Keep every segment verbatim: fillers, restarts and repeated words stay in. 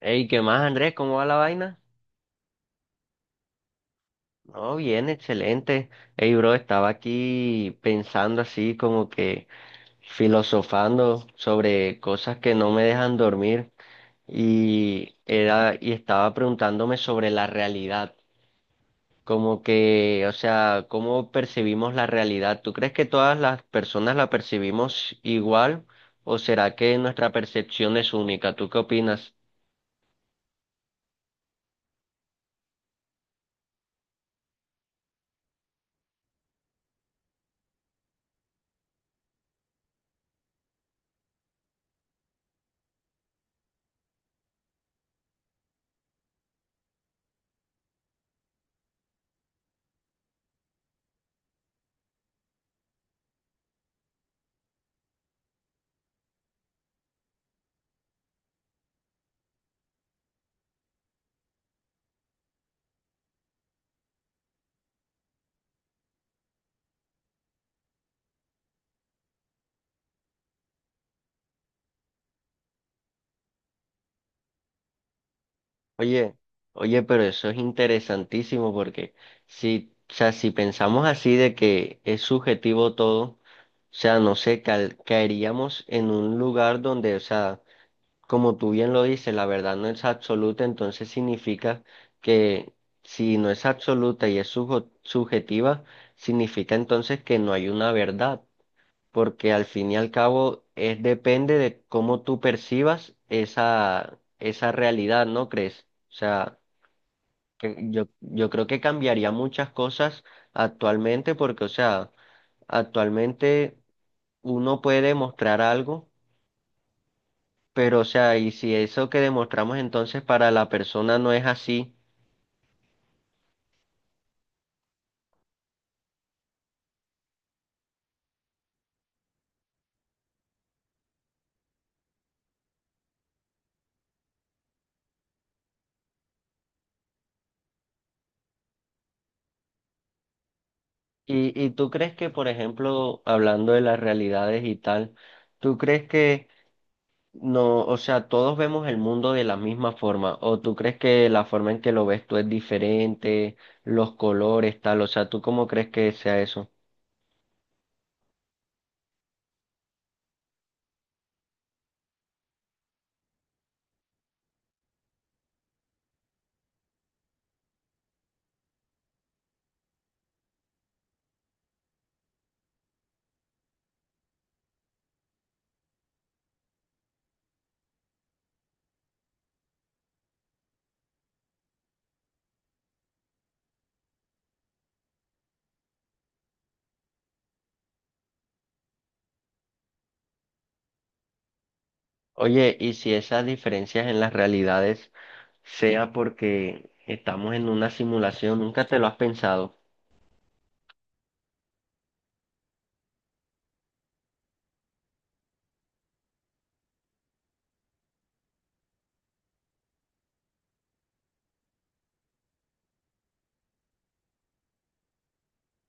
Hey, ¿qué más, Andrés? ¿Cómo va la vaina? No, bien, excelente. Hey, bro, estaba aquí pensando así como que filosofando sobre cosas que no me dejan dormir y era y estaba preguntándome sobre la realidad, como que, o sea, ¿cómo percibimos la realidad? ¿Tú crees que todas las personas la percibimos igual o será que nuestra percepción es única? ¿Tú qué opinas? Oye, oye, pero eso es interesantísimo porque si, o sea, si pensamos así de que es subjetivo todo, o sea, no sé, cal- caeríamos en un lugar donde, o sea, como tú bien lo dices, la verdad no es absoluta, entonces significa que si no es absoluta y es sujo- subjetiva, significa entonces que no hay una verdad, porque al fin y al cabo es depende de cómo tú percibas esa, esa realidad, ¿no crees? O sea, que Yo, yo creo que cambiaría muchas cosas actualmente porque, o sea, actualmente uno puede demostrar algo, pero, o sea, y si eso que demostramos entonces para la persona no es así. Y, y tú crees que, por ejemplo, hablando de las realidades y tal, ¿tú crees que no, o sea, todos vemos el mundo de la misma forma, o tú crees que la forma en que lo ves tú es diferente, los colores, tal, o sea, ¿tú cómo crees que sea eso? Oye, y si esas diferencias en las realidades sea porque estamos en una simulación, ¿nunca te lo has pensado?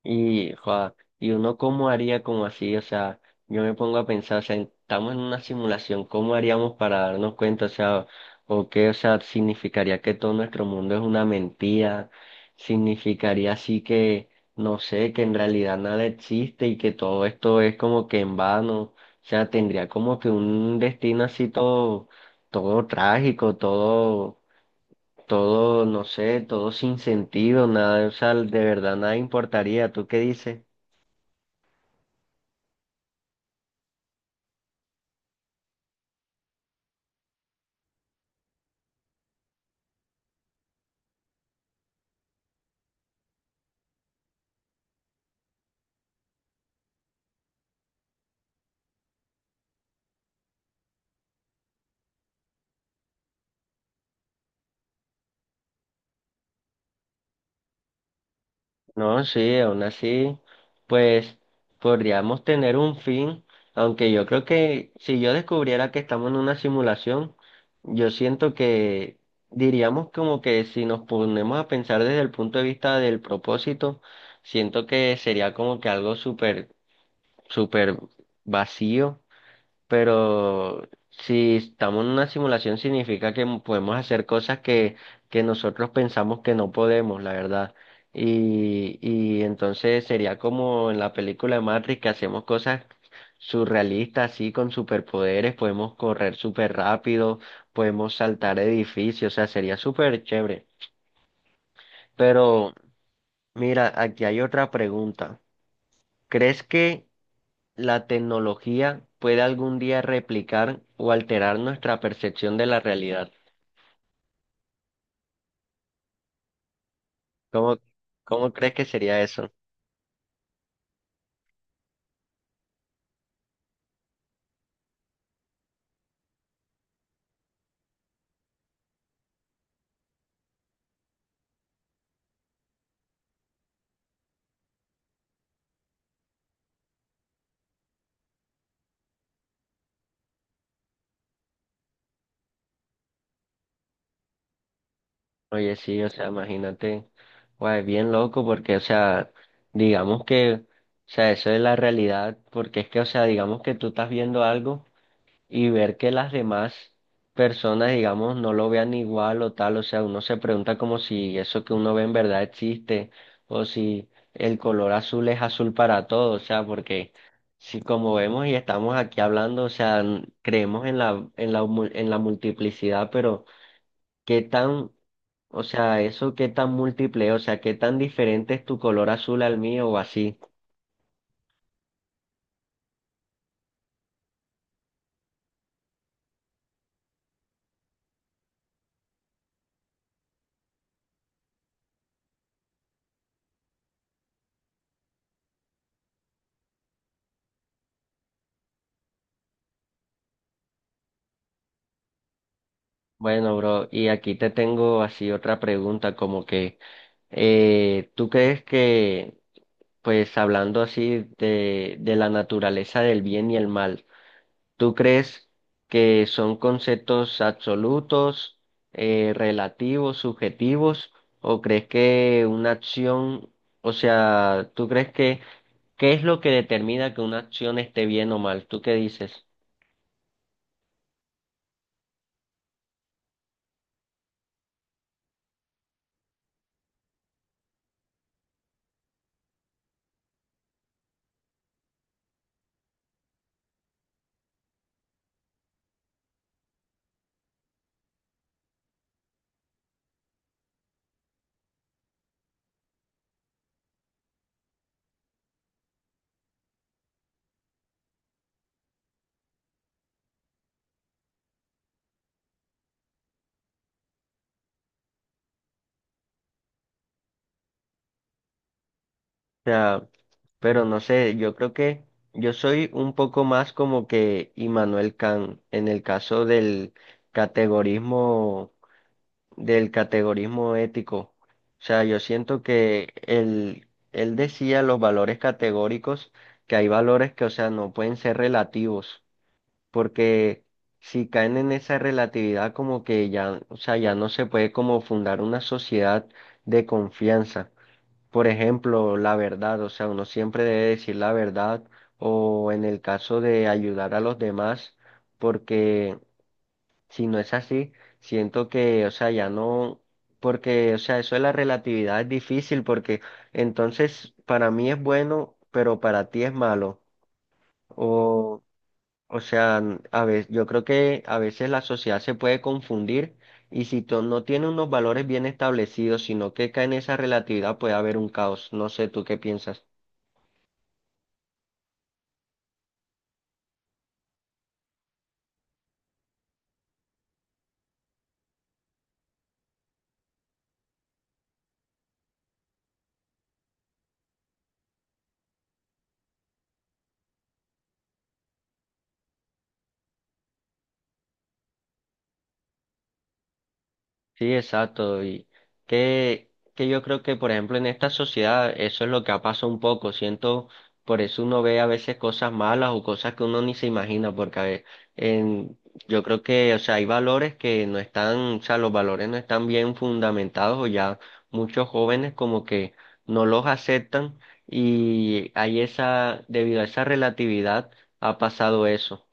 Y, joda, y uno cómo haría como así, o sea, yo me pongo a pensar, o sea, estamos en una simulación, ¿cómo haríamos para darnos cuenta? O sea, o qué, o sea, significaría que todo nuestro mundo es una mentira, significaría así que, no sé, que en realidad nada existe y que todo esto es como que en vano, o sea, tendría como que un destino así todo, todo trágico, todo todo, no sé, todo sin sentido, nada, o sea, de verdad nada importaría. ¿Tú qué dices? No, sí, aún así, pues podríamos tener un fin, aunque yo creo que si yo descubriera que estamos en una simulación, yo siento que diríamos como que si nos ponemos a pensar desde el punto de vista del propósito, siento que sería como que algo súper, súper vacío. Pero si estamos en una simulación significa que podemos hacer cosas que, que nosotros pensamos que no podemos, la verdad. Y, y entonces sería como en la película de Matrix, que hacemos cosas surrealistas, así con superpoderes, podemos correr súper rápido, podemos saltar edificios, o sea, sería súper chévere. Pero mira, aquí hay otra pregunta. ¿Crees que la tecnología puede algún día replicar o alterar nuestra percepción de la realidad? ¿Cómo, cómo crees que sería eso? Oye, sí, o sea, imagínate, guay, bien loco porque, o sea, digamos que, o sea, eso es la realidad, porque es que, o sea, digamos que tú estás viendo algo, y ver que las demás personas, digamos, no lo vean igual o tal, o sea, uno se pregunta como si eso que uno ve en verdad existe o si el color azul es azul para todos, o sea, porque si como vemos y estamos aquí hablando, o sea, n- creemos en la en la mu- en la multiplicidad, pero qué tan, o sea, eso qué tan múltiple, o sea, qué tan diferente es tu color azul al mío o así. Bueno, bro, y aquí te tengo así otra pregunta, como que, eh, ¿tú crees que, pues hablando así de, de la naturaleza del bien y el mal, ¿tú crees que son conceptos absolutos, eh, relativos, subjetivos, o crees que una acción, o sea, ¿tú crees que, qué es lo que determina que una acción esté bien o mal? ¿Tú qué dices? Sea, pero no sé, yo creo que yo soy un poco más como que Immanuel Kant en el caso del categorismo, del categorismo ético. O sea, yo siento que él, él decía los valores categóricos, que hay valores que, o sea, no pueden ser relativos, porque si caen en esa relatividad como que ya, o sea, ya no se puede como fundar una sociedad de confianza. Por ejemplo, la verdad, o sea, uno siempre debe decir la verdad o en el caso de ayudar a los demás, porque si no es así, siento que, o sea, ya no, porque, o sea, eso de la relatividad es difícil porque entonces para mí es bueno, pero para ti es malo. O, o sea, a veces, yo creo que a veces la sociedad se puede confundir y si to- no tiene unos valores bien establecidos, sino que cae en esa relatividad, puede haber un caos. No sé, ¿tú qué piensas? Sí, exacto. Y que, que yo creo que, por ejemplo, en esta sociedad eso es lo que ha pasado un poco. Siento, por eso uno ve a veces cosas malas o cosas que uno ni se imagina, porque a ve- en, yo creo que, o sea, hay valores que no están, o sea, los valores no están bien fundamentados, o ya muchos jóvenes como que no los aceptan y hay esa, debido a esa relatividad, ha pasado eso.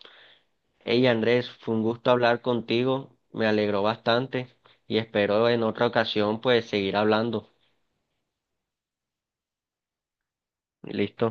Hey, Andrés, fue un gusto hablar contigo, me alegró bastante y espero en otra ocasión pues seguir hablando. Listo.